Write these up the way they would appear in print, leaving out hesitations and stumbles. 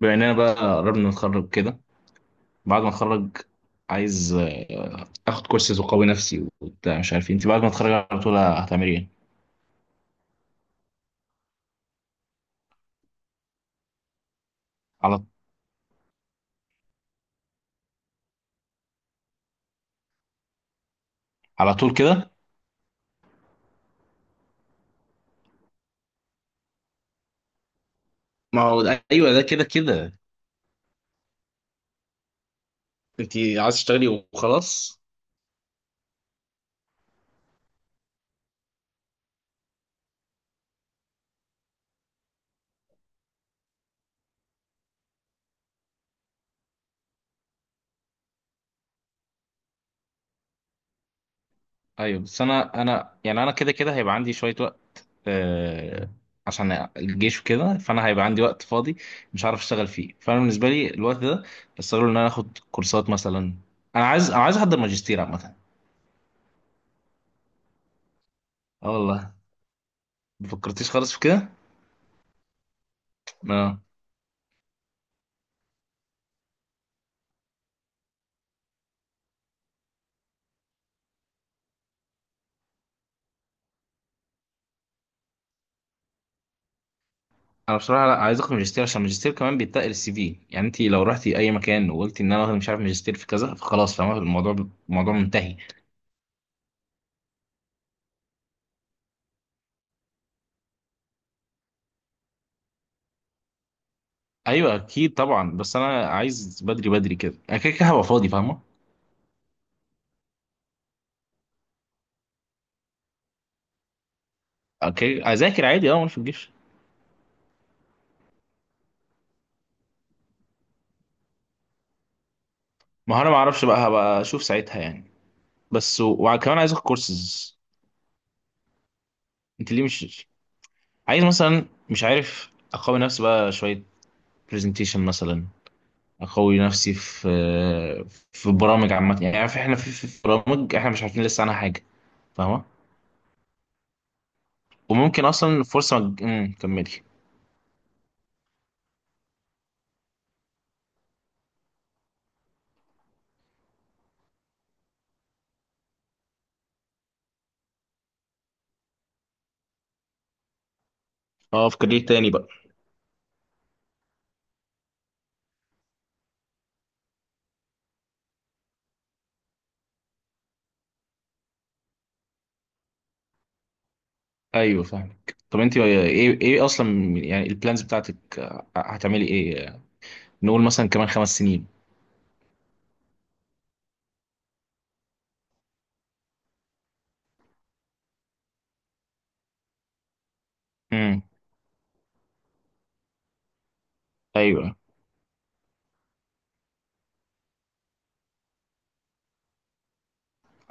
بما اننا بقى قربنا نتخرج كده. بعد ما اتخرج عايز اخد كورسز وقوي نفسي وبتاع مش عارف إيه. انت بعد ما اتخرج على طول هتعملي ايه؟ على على طول كده. ما هو ده- ايوه، ده كده كده. انت عايز تشتغلي وخلاص؟ ايوه بس انا يعني انا كده كده هيبقى عندي شويه وقت. آه. عشان الجيش وكده فانا هيبقى عندي وقت فاضي مش عارف اشتغل فيه. فانا بالنسبه لي الوقت ده بستغله ان انا اخد كورسات مثلا. انا عايز احضر ماجستير عامه. اه والله. ما فكرتيش خالص في كده. اه. انا بصراحه لا، عايز اخد ماجستير عشان الماجستير كمان بيتقل السي في. يعني انت لو رحتي اي مكان وقلتي ان انا واخد مش عارف ماجستير في كذا، فخلاص فاهمه الموضوع. الموضوع منتهي. ايوه اكيد طبعا. بس انا عايز بدري بدري كده، انا كده كده هبقى فاضي فاهمه. اوكي اذاكر عادي، اه، وانا في الجيش. ما هو انا ما اعرفش بقى، هبقى اشوف ساعتها يعني. بس وكمان عايز اخد كورسز. انت ليه مش عايز؟ مثلا مش عارف، اقوي نفسي بقى شويه، برزنتيشن مثلا، اقوي نفسي في برامج عامه. يعني عارف احنا في برامج احنا مش عارفين لسه عنها حاجه فاهمه. وممكن اصلا فرصه كملي. اه، في كارير تاني بقى. ايوه فاهمك. طب انت ايه ايه إيه اصلا يعني البلانز بتاعتك، هتعملي ايه؟ نقول مثلا كمان 5 سنين. امم. ايوه.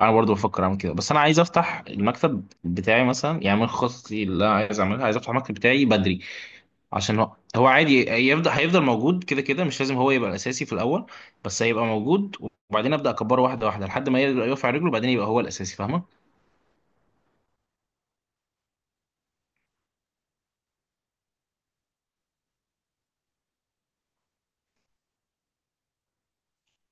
انا برضو بفكر اعمل كده، بس انا عايز افتح المكتب بتاعي مثلا. يعني من خططي اللي انا عايز اعملها، عايز افتح المكتب بتاعي بدري، عشان هو عادي هيفضل موجود كده كده، مش لازم هو يبقى الاساسي في الاول، بس هيبقى موجود. وبعدين ابدا اكبره واحده واحده لحد ما يبقى يقف على رجله، وبعدين يبقى هو الاساسي فاهمه.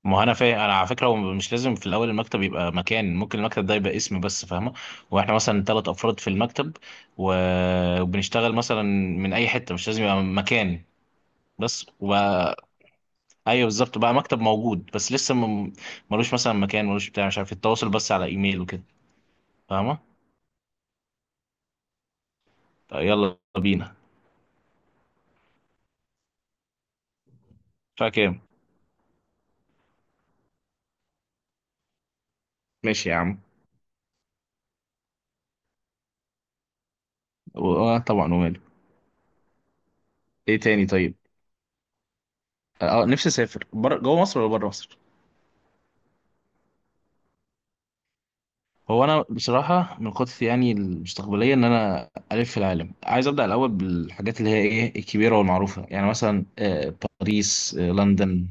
ما هو انا فاهم. انا على فكره هو مش لازم في الاول المكتب يبقى مكان، ممكن المكتب ده يبقى اسم بس فاهمه. واحنا مثلا 3 افراد في المكتب وبنشتغل مثلا من اي حته، مش لازم يبقى مكان. بس وبقى ايوه بالظبط، بقى مكتب موجود بس لسه ملوش مثلا مكان، ملوش بتاع مش عارف التواصل بس على ايميل وكده فاهمه. يلا بينا. فاكر؟ ماشي يا عم. اه طبعا وماله. ايه تاني طيب. اه، نفسي اسافر بره. جوه مصر ولا بره مصر؟ هو انا بصراحه من خططي يعني المستقبليه ان انا الف في العالم، عايز ابدا الاول بالحاجات اللي هي ايه الكبيره والمعروفه، يعني مثلا باريس، لندن،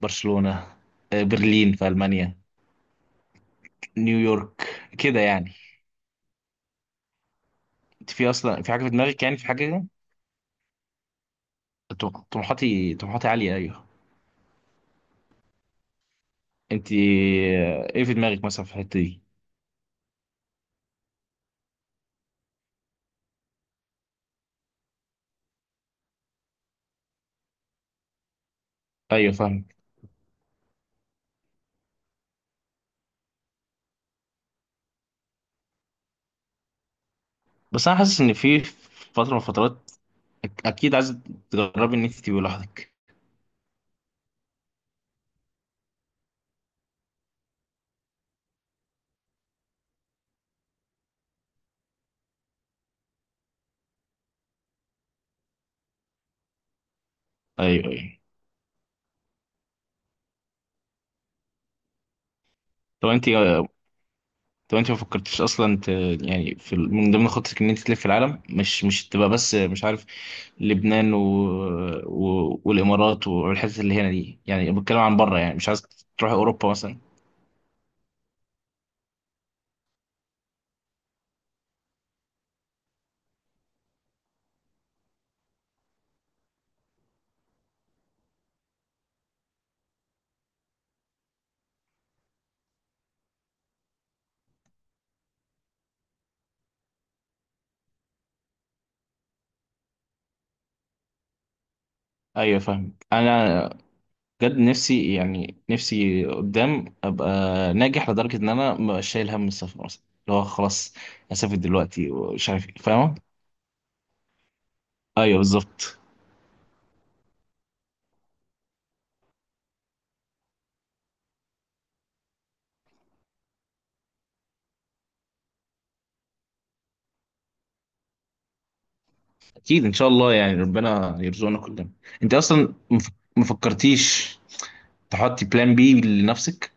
برشلونه، برلين في المانيا، نيويورك كده يعني. انت في اصلا في حاجه في دماغك؟ يعني في حاجه كده؟ طموحاتي طموحاتي عاليه ايوه. انت ايه في دماغك مثلا في الحته دي؟ ايوه فاهم. بس انا حاسس ان في فتره من الفترات اكيد عايز تجربي ان انت تبقي لوحدك. ايوه ايوه. طب انت طب انت ما فكرتش اصلا يعني في من ضمن خطتك ان انت تلف العالم، مش تبقى بس مش عارف لبنان والامارات والحتت اللي هنا دي. يعني بتكلم عن بره، يعني مش عايز تروح اوروبا مثلا؟ ايوه فاهم انا. بجد نفسي، يعني نفسي قدام ابقى ناجح لدرجه ان انا مبقاش شايل هم السفر مثلا، اللي هو خلاص هسافر دلوقتي ومش عارف إيه. فاهمه؟ ايوه بالظبط. اكيد ان شاء الله، يعني ربنا يرزقنا كلنا. انت اصلا ما فكرتيش تحطي بلان بي لنفسك؟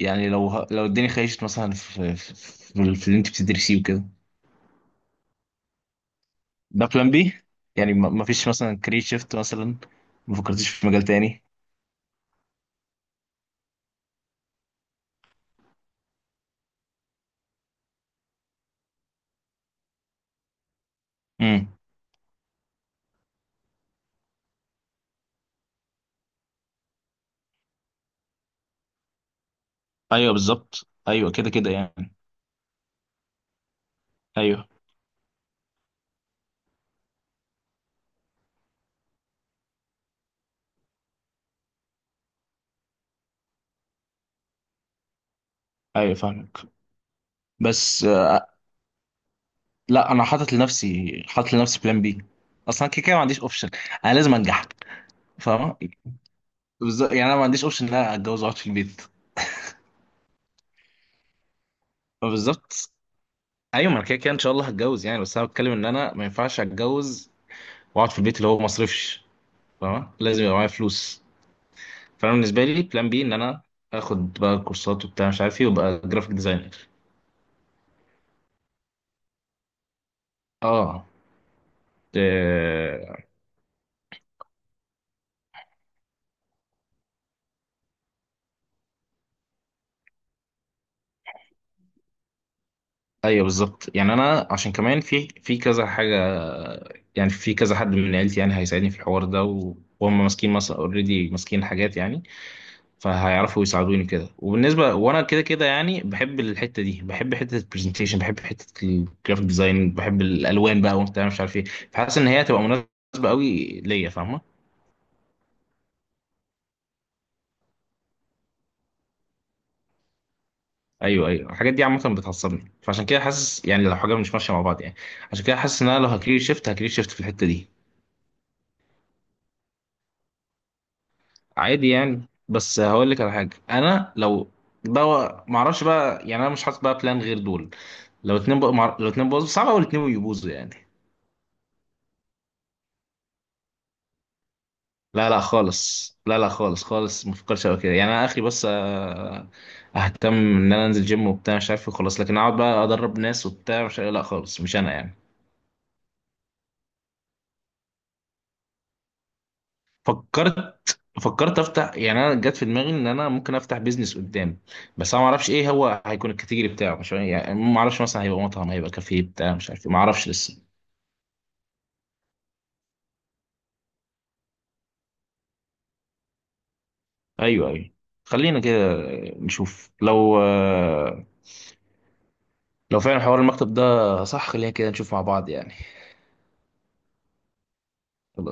يعني لو الدنيا خيشت مثلا في في اللي انت بتدرسيه وكده، ده بلان بي يعني؟ ما فيش مثلا كارير شيفت مثلا؟ ما فكرتيش في مجال تاني؟ امم. ايوه بالظبط. ايوه كده كده يعني. ايوه ايوه فاهمك. بس لا، انا حاطط لنفسي، حاطط لنفسي بلان بي اصلا، كده كده ما عنديش اوبشن. انا لازم انجح فاهم. بالظبط، يعني انا ما عنديش اوبشن ان انا اتجوز واقعد في البيت. بالظبط ايوه. ما انا كده كده ان شاء الله هتجوز يعني، بس انا بتكلم ان انا ما ينفعش اتجوز واقعد في البيت اللي هو ما اصرفش فاهم، لازم يبقى معايا فلوس. فانا بالنسبه لي بلان بي ان انا اخد بقى كورسات وبتاع مش عارف ايه، وابقى جرافيك ديزاينر. اه. إيه، ايوه بالظبط. يعني انا عشان كمان في كذا حاجه، يعني في كذا حد من عيلتي يعني هيساعدني في الحوار ده، وهم ماسكين مثلا اوريدي ماسكين حاجات يعني، فهيعرفوا يساعدوني كده. وبالنسبه وانا كده كده يعني بحب الحته دي، بحب حته البرزنتيشن، بحب حته الجرافيك ديزاين، بحب الالوان بقى وبتاع مش عارف ايه، فحاسس ان هي هتبقى مناسبه قوي ليا فاهمه. ايوه ايوه. الحاجات دي عامه بتعصبني، فعشان كده حاسس يعني لو حاجه مش ماشيه مع بعض يعني، عشان كده حاسس ان انا لو هكريت شيفت هكريت شيفت في الحته دي. عادي يعني. بس هقول لك على حاجه، انا لو ده ما اعرفش بقى يعني، انا مش حاطط بقى بلان غير دول. لو اتنين بقى لو اتنين باظوا، صعب قوي الاتنين يبوظوا يعني. لا لا خالص، لا لا خالص خالص، ما بفكرش قوي كده يعني. انا اخري بس اهتم ان انا انزل جيم وبتاع مش عارف إيه خلاص، لكن اقعد بقى ادرب ناس وبتاع مش، لا خالص مش انا يعني. فكرت فكرت افتح، يعني انا جت في دماغي ان انا ممكن افتح بيزنس قدام. بس انا ما اعرفش ايه هو هيكون الكاتيجوري بتاعه، مش يعني ما اعرفش مثلا هيبقى مطعم، هيبقى كافيه بتاع مش عارف إيه، ما اعرفش لسه. ايوه ايوه. خلينا كده نشوف لو لو فعلا حوار المكتب ده صح، خلينا كده نشوف مع بعض يعني.